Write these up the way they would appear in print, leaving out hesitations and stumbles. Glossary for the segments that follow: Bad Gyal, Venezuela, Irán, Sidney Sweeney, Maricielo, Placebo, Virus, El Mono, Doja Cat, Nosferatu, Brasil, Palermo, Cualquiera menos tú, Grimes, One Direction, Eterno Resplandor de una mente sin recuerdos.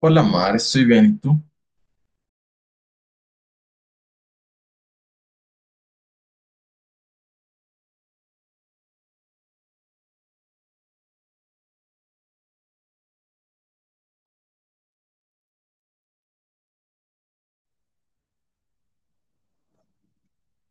Hola Mar, estoy bien, ¿y tú?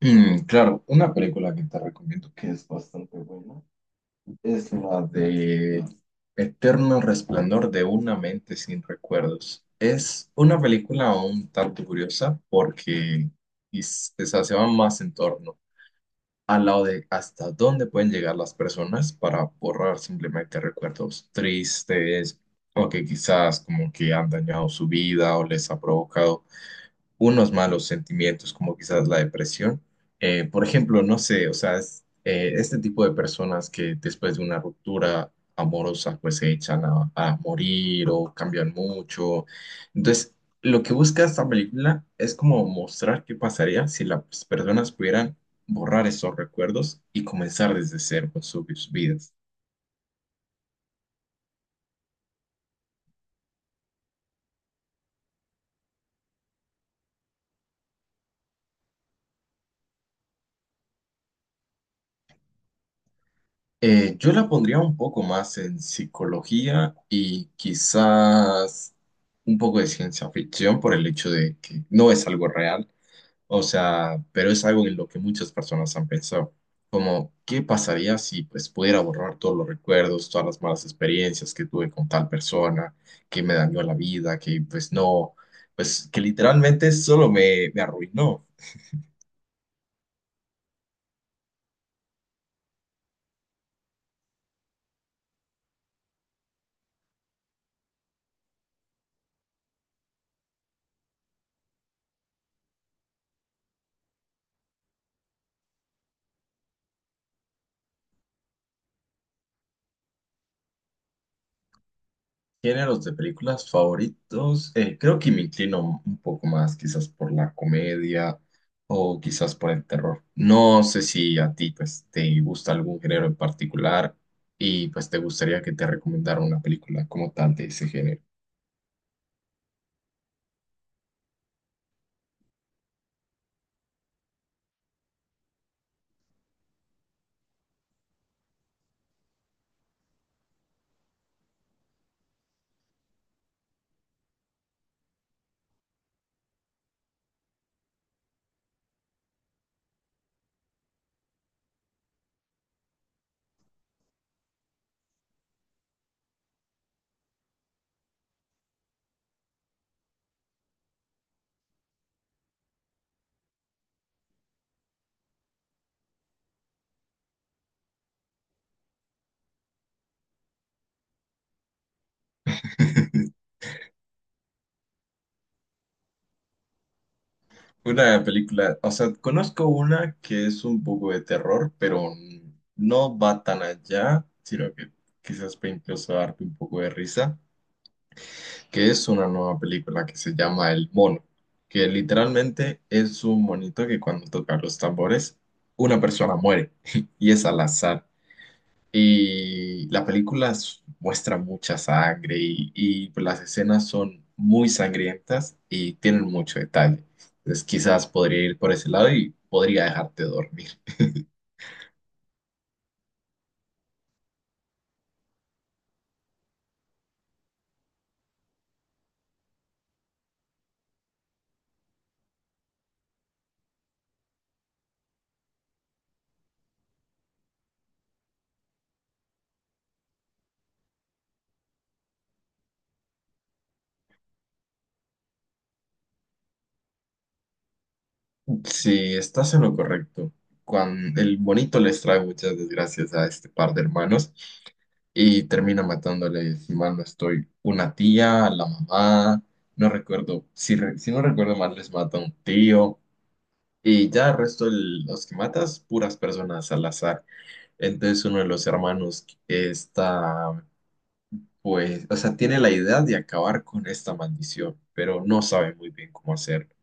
Claro, una película que te recomiendo que es bastante buena es la de Eterno Resplandor de una mente sin recuerdos. Es una película un tanto curiosa porque o se va más en torno al lado de hasta dónde pueden llegar las personas para borrar simplemente recuerdos tristes o que quizás como que han dañado su vida o les ha provocado unos malos sentimientos, como quizás la depresión. Por ejemplo, no sé, o sea, este tipo de personas que después de una ruptura amorosa, pues se echan a morir o cambian mucho. Entonces, lo que busca esta película es como mostrar qué pasaría si las personas pudieran borrar esos recuerdos y comenzar desde cero con sus vidas. Yo la pondría un poco más en psicología y quizás un poco de ciencia ficción por el hecho de que no es algo real, o sea, pero es algo en lo que muchas personas han pensado, como qué pasaría si pues pudiera borrar todos los recuerdos, todas las malas experiencias que tuve con tal persona, que me dañó la vida, que pues no, pues que literalmente solo me arruinó. Géneros de películas favoritos, creo que me inclino un poco más quizás por la comedia o quizás por el terror. No sé si a ti pues te gusta algún género en particular y pues te gustaría que te recomendara una película como tal de ese género. Una película, o sea, conozco una que es un poco de terror, pero no va tan allá, sino que quizás puede incluso darte un poco de risa, que es una nueva película que se llama El Mono, que literalmente es un monito que cuando toca los tambores, una persona muere y es al azar. Y la película muestra mucha sangre y pues las escenas son muy sangrientas y tienen mucho detalle. Entonces quizás podría ir por ese lado y podría dejarte dormir. Si estás en lo correcto, cuando el monito les trae muchas desgracias a este par de hermanos, y termina matándole, si mal no estoy, una tía, la mamá, no recuerdo, si, si no recuerdo mal, les mata un tío. Y ya el resto de los que matas, puras personas al azar. Entonces uno de los hermanos está, pues, o sea, tiene la idea de acabar con esta maldición, pero no sabe muy bien cómo hacerlo.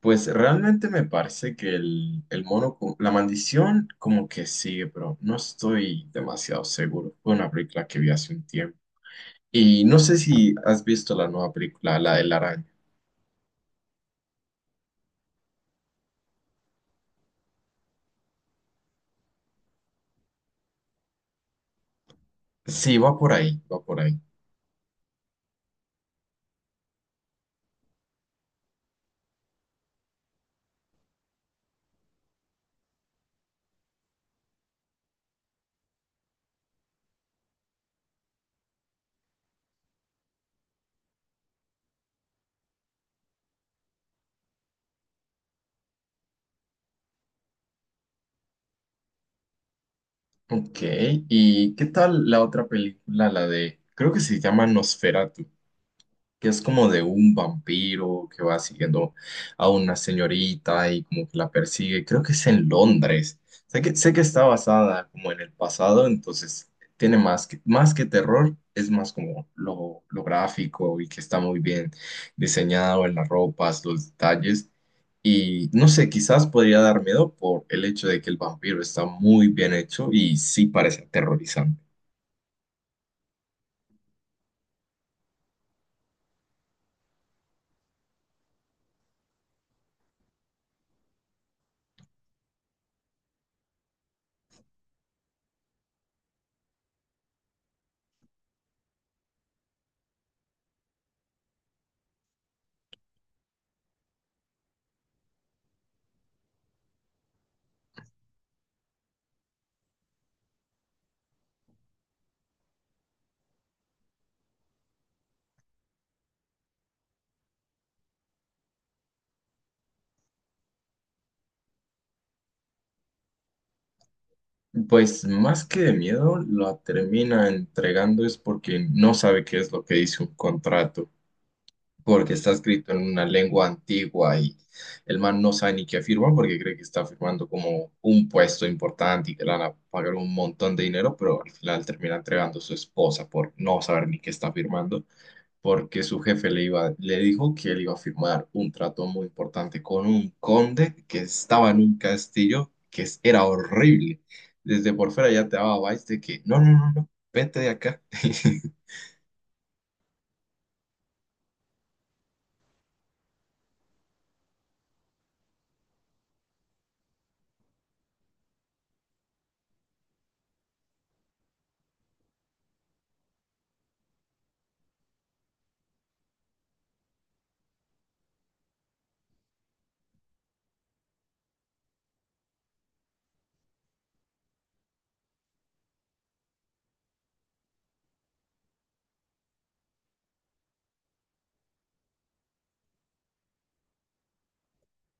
Pues realmente me parece que el mono, la maldición como que sigue, pero no estoy demasiado seguro. Fue una película que vi hace un tiempo. Y no sé si has visto la nueva película, la de la araña. Sí, va por ahí, va por ahí. Ok, ¿y qué tal la otra película, la de, creo que se llama Nosferatu? Que es como de un vampiro que va siguiendo a una señorita y como que la persigue. Creo que es en Londres. Sé que está basada como en el pasado, entonces tiene más que terror, es más como lo gráfico y que está muy bien diseñado en las ropas, los detalles. Y no sé, quizás podría dar miedo por el hecho de que el vampiro está muy bien hecho y sí parece aterrorizante. Pues más que de miedo, la termina entregando es porque no sabe qué es lo que dice un contrato, porque está escrito en una lengua antigua, y el man no sabe ni qué afirma porque cree que está firmando como un puesto importante y que le van a pagar un montón de dinero, pero al final termina entregando a su esposa por no saber ni qué está firmando, porque su jefe le dijo que él iba a firmar un trato muy importante con un conde que estaba en un castillo que era horrible. Desde por fuera ya te daba vibes de que, no, no, no, no, vete de acá.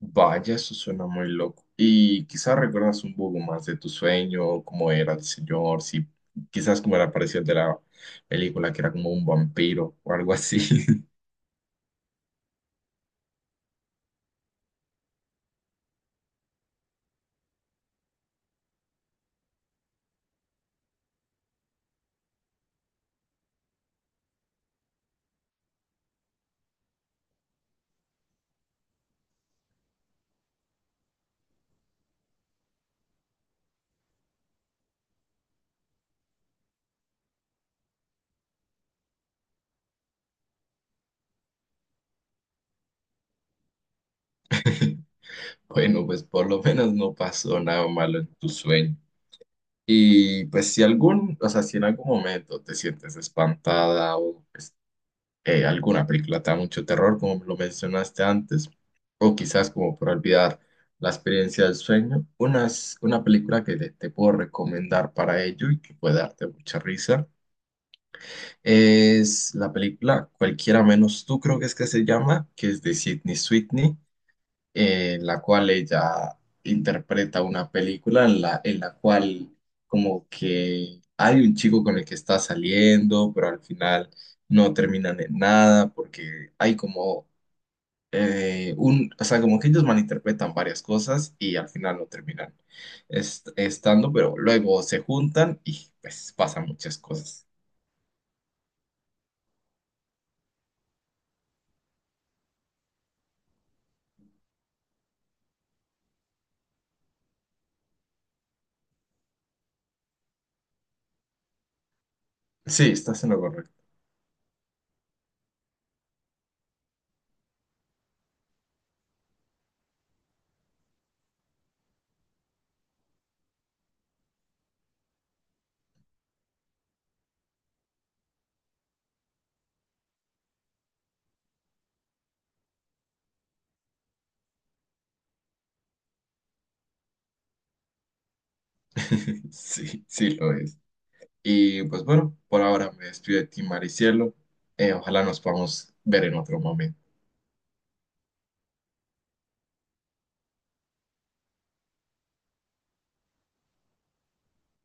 Vaya, eso suena muy loco. Y quizás recuerdas un poco más de tu sueño, cómo era el señor, si quizás cómo era parecido al de la película, que era como un vampiro o algo así. Bueno, pues por lo menos no pasó nada malo en tu sueño. Y pues si algún, o sea, si en algún momento te sientes espantada o pues, alguna película te da mucho terror, como lo mencionaste antes, o quizás como por olvidar la experiencia del sueño, una película que te puedo recomendar para ello y que puede darte mucha risa es la película Cualquiera menos tú, creo que es que se llama, que es de Sidney Sweeney, en la cual ella interpreta una película en en la cual como que hay un chico con el que está saliendo, pero al final no terminan en nada porque hay como como que ellos malinterpretan varias cosas y al final no terminan estando, pero luego se juntan y pues pasan muchas cosas. Sí, estás en lo correcto. Sí, sí lo es. Y pues bueno, por ahora me despido de ti, Maricielo. Ojalá nos podamos ver en otro momento.